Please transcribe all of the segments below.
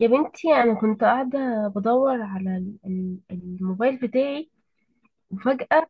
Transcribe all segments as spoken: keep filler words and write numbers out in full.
يا بنتي أنا كنت قاعدة بدور على ال- ال- الموبايل بتاعي. وفجأة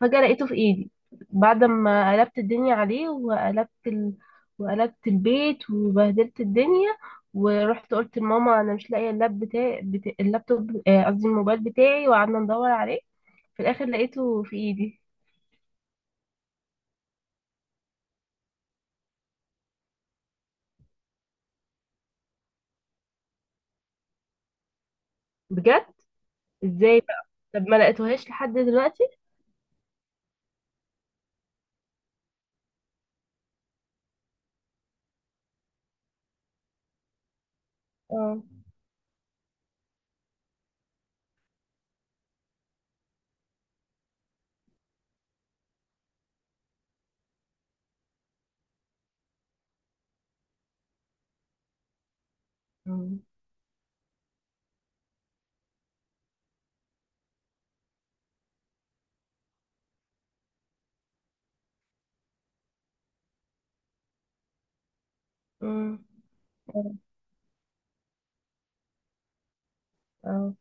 فجأة لقيته في إيدي بعد ما قلبت الدنيا عليه وقلبت ال... وقلبت البيت وبهدلت الدنيا، ورحت قلت لماما أنا مش لاقية اللاب بتاعي بتا... اللابتوب، آه، قصدي الموبايل بتاعي، وقعدنا ندور عليه. في الآخر لقيته في إيدي. بجد؟ إزاي بقى؟ طب ما لقيتوهاش لحد دلوقتي؟ اه. آه. آه. آه. آه.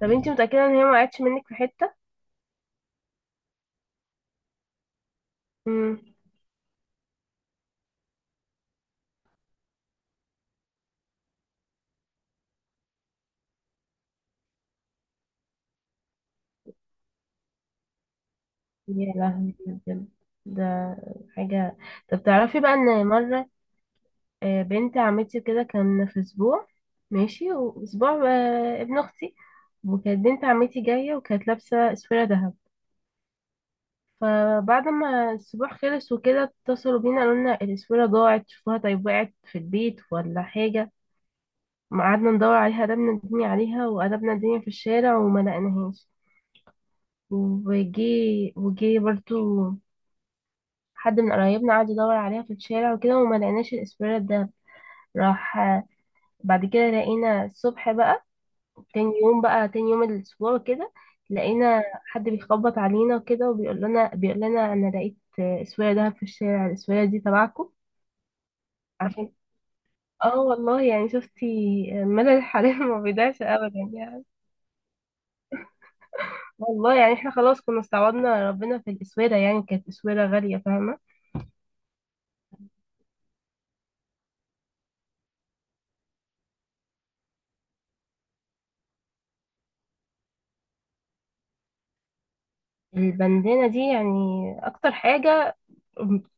طب انتي متأكدة ان هي ما وقعتش منك في حتة؟ مم. يا لهوي بجد. ده حاجة. طب تعرفي بقى ان مرة، آه، بنت عمتي كده كان في اسبوع، ماشي، واسبوع، آه، ابن اختي، وكانت بنت عمتي جاية وكانت لابسة اسورة ذهب. فبعد ما الاسبوع خلص وكده اتصلوا بينا قالوا لنا الاسورة ضاعت، شوفوها طيب وقعت في البيت ولا حاجة. ما قعدنا ندور عليها، قلبنا الدنيا عليها وقلبنا الدنيا في الشارع وما لقيناهاش. وجي، وجي برضو حد من قرايبنا قعد يدور عليها في الشارع وكده وما لقيناش الاسبريت ده، راح. بعد كده لقينا الصبح بقى، تاني يوم بقى، تاني يوم الاسبوع كده لقينا حد بيخبط علينا وكده وبيقول لنا بيقول لنا انا لقيت اسوية ده في الشارع، الاسوية دي تبعكم؟ عشان. اه والله يعني شفتي مدى الحريم ما بيضيعش ابدا يعني. والله يعني احنا خلاص كنا استعوضنا ربنا في الاسويرة، يعني كانت اسويرة غالية فاهمة. البندانة دي يعني اكتر حاجة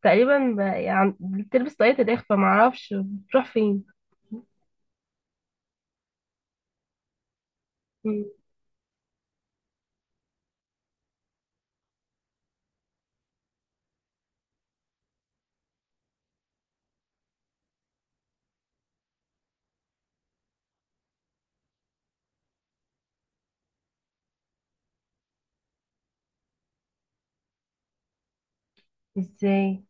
تقريبا ب- يعني بتلبس طاقية الإخفاء، معرفش بتروح فين. مم. ازاي؟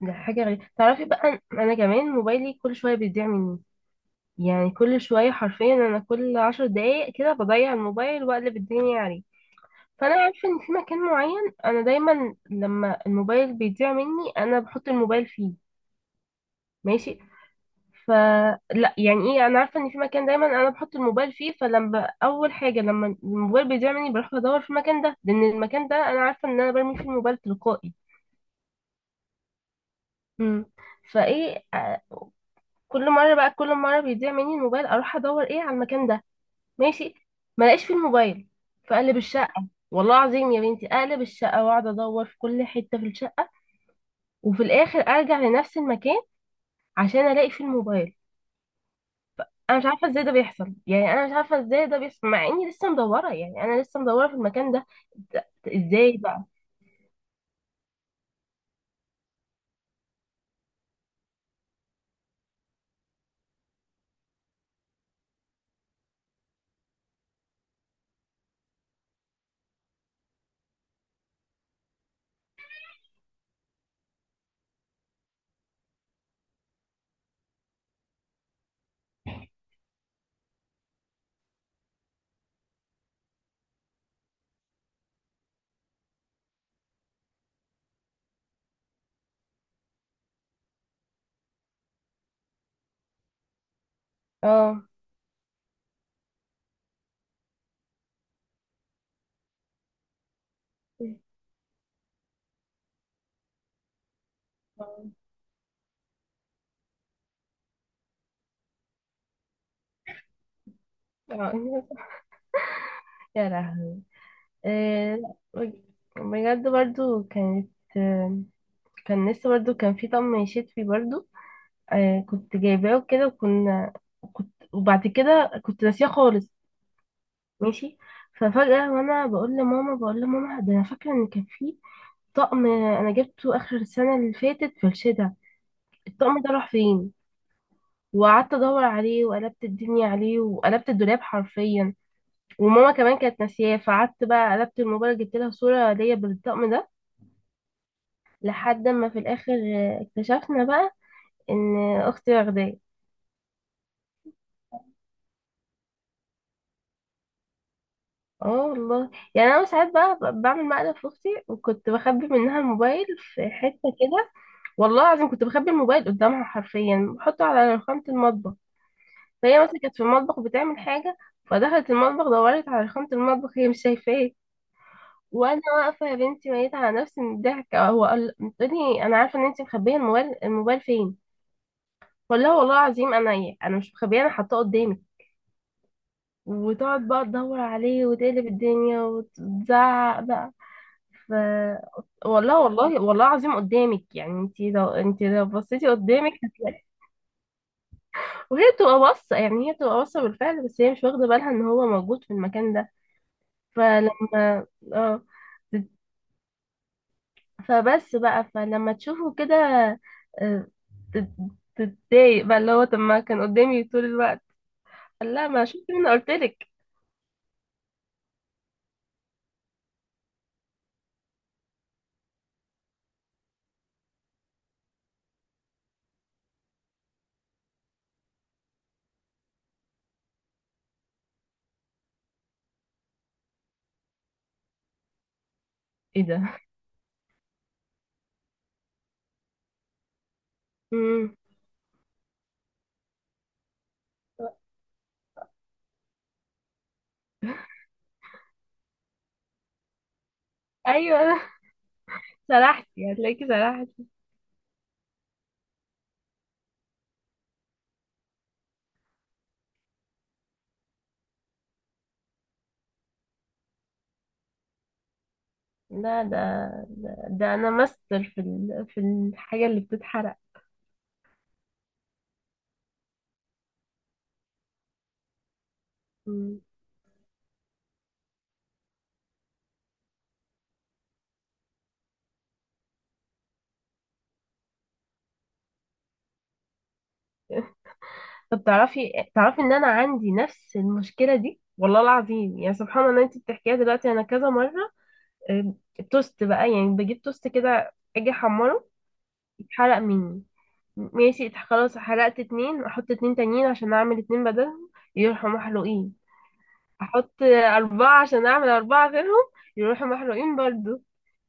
ده حاجة غريبة. تعرفي بقى أنا كمان موبايلي كل شوية بيضيع مني، يعني كل شوية حرفيا أنا كل عشر دقايق كده بضيع الموبايل وأقلب الدنيا عليه. فأنا عارفة إن في مكان معين أنا دايما لما الموبايل بيضيع مني أنا بحط الموبايل فيه. ماشي. ف، لا يعني ايه، انا عارفه ان في مكان دايما انا بحط الموبايل فيه، فلما اول حاجه لما الموبايل بيضيع مني بروح بدور في المكان ده، لان المكان ده انا عارفه ان انا برمي فيه الموبايل تلقائي. امم فايه آه، كل مره بقى، كل مره بيضيع مني الموبايل اروح ادور ايه على المكان ده. ماشي. ما الاقيش فيه الموبايل، فاقلب الشقه، والله العظيم يا بنتي اقلب الشقه واقعد ادور في كل حته في الشقه وفي الاخر ارجع لنفس المكان عشان الاقي فيه الموبايل. انا مش عارفه ازاي ده بيحصل، يعني انا مش عارفه ازاي ده بيحصل مع اني لسه مدوره، يعني انا لسه مدوره في المكان ده. ده- ازاي بقى؟ اه. اه. آه. يا لهوي. إيه، لا، بجد برضو كانت، آه، كان لسه برضو كان في طقم شتوي برضو، آه كنت جايباه وكده وكنا، كنت وبعد كده كنت ناسياه خالص. ماشي. ففجأة وانا بقول لماما بقول لماما ده انا فاكرة ان كان في طقم انا جبته اخر السنة اللي فاتت في الشتا. الطقم ده راح فين؟ وقعدت ادور عليه وقلبت الدنيا عليه وقلبت الدولاب حرفيا. وماما كمان كانت ناسياه، فقعدت بقى قلبت الموبايل جبت لها صورة ليا بالطقم ده، لحد ما في الاخر آه، اكتشفنا بقى ان اختي واخداه. اه والله يعني انا ساعات بقى ب- بعمل مقلب في اختي وكنت بخبي منها الموبايل في حته كده، والله العظيم كنت بخبي الموبايل قدامها حرفيا بحطه على رخامه المطبخ. فهي مثلا كانت في المطبخ بتعمل حاجه، فدخلت المطبخ دورت على رخامه المطبخ، هي مش شايفاه. وانا واقفه يا بنتي ميت على نفسي من الضحك. هو قال لي انا عارفه ان انت مخبيه الموبايل، الموبايل فين؟ ولا هو والله العظيم انا ايه، انا مش مخبيه، انا حاطاه قدامي. وتقعد بقى تدور عليه وتقلب الدنيا وتزعق بقى. ف، والله والله والله العظيم قدامك، يعني انت لو، انت لو بصيتي قدامك هتلاقي. وهي بتبقى باصه، يعني هي بتبقى باصه بالفعل، بس هي مش واخده بالها ان هو موجود في المكان ده. فلما، اه، فبس بقى فلما تشوفه كده، آه، تت- تتضايق بقى اللي هو طب ما كان قدامي طول الوقت. قال لا ما شفت، مني قلت لك. ايه ده. مم. ايوه. سرحتي، هتلاقيكي سرحتي. لا، ده، ده, ده انا ماستر في ال... في الحاجه اللي بتتحرق. مم. طب تعرفي تعرفي ان انا عندي نفس المشكله دي، والله العظيم يعني سبحان الله انت بتحكيها دلوقتي، انا كذا مره، آه، التوست بقى يعني بجيب توست كده اجي احمره يتحرق مني. ماشي. اتح- خلاص حرقت اتنين، احط اتنين تانيين عشان اعمل اتنين بدلهم، يروحوا محروقين. احط اربعة عشان اعمل اربعة غيرهم، يروحوا محروقين برضو.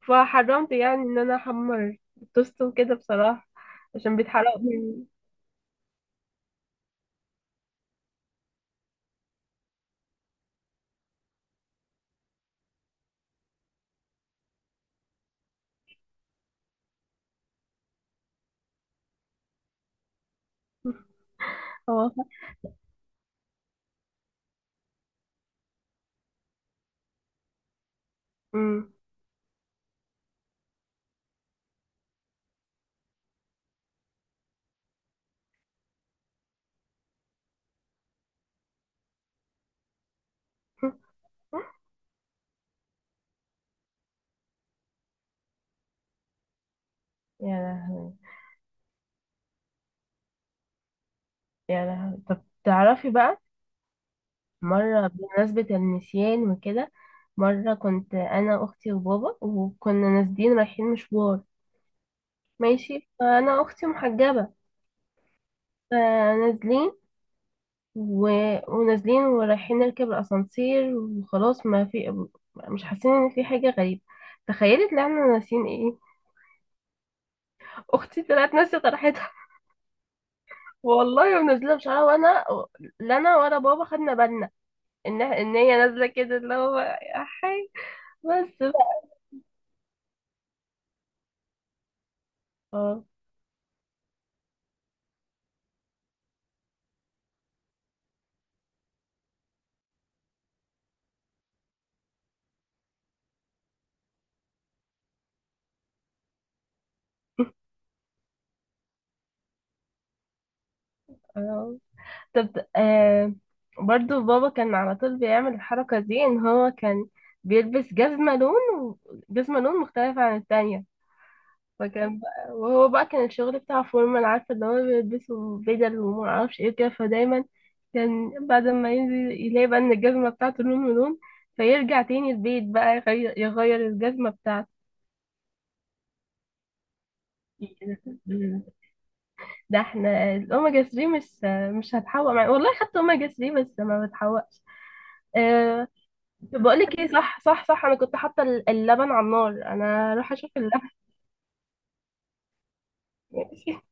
فحرمت يعني ان انا احمر التوست وكده بصراحة عشان بيتحرق مني. هو. أمم. يا لهوي. يا لهوي طب تعرفي بقى مرة، بمناسبة النسيان وكده، مرة كنت أنا أختي وبابا وكنا نازلين رايحين مشوار. ماشي. فأنا أختي محجبة. فنازلين، و... ونازلين ورايحين نركب الأسانسير، وخلاص ما في، مش حاسين إن في حاجة غريبة. تخيلي طلعنا ناسيين ايه؟ اختي طلعت ناسيه طرحتها. والله ونازله بشعرها، وانا لا انا ولا بابا خدنا بالنا ان ان هي نازله كده اللي هو يا حي. بس ف- اه. آه. طب آه، برضو بابا كان على طول بيعمل الحركه دي، ان هو كان بيلبس جزمه لون وجزمه لون مختلفه عن التانية. فكان بقى وهو بقى كان الشغل بتاع فورمان، عارفة ان هو بيلبسوا بدل وما اعرفش ايه كده، فدايما كان بعد ما ينزل يلاقي بقى ان الجزمة بتاعته لون من لون، فيرجع تاني البيت بقى يغير, يغير الجزمة بتاعته. ده احنا الاوميجا ثلاثة مش مش هتحوق معايا والله، خدت اوميجا ثلاثة بس ما بتحوقش. أه، بقولك ايه، صح صح صح، انا كنت حاطة اللبن على النار، انا هروح اشوف اللبن.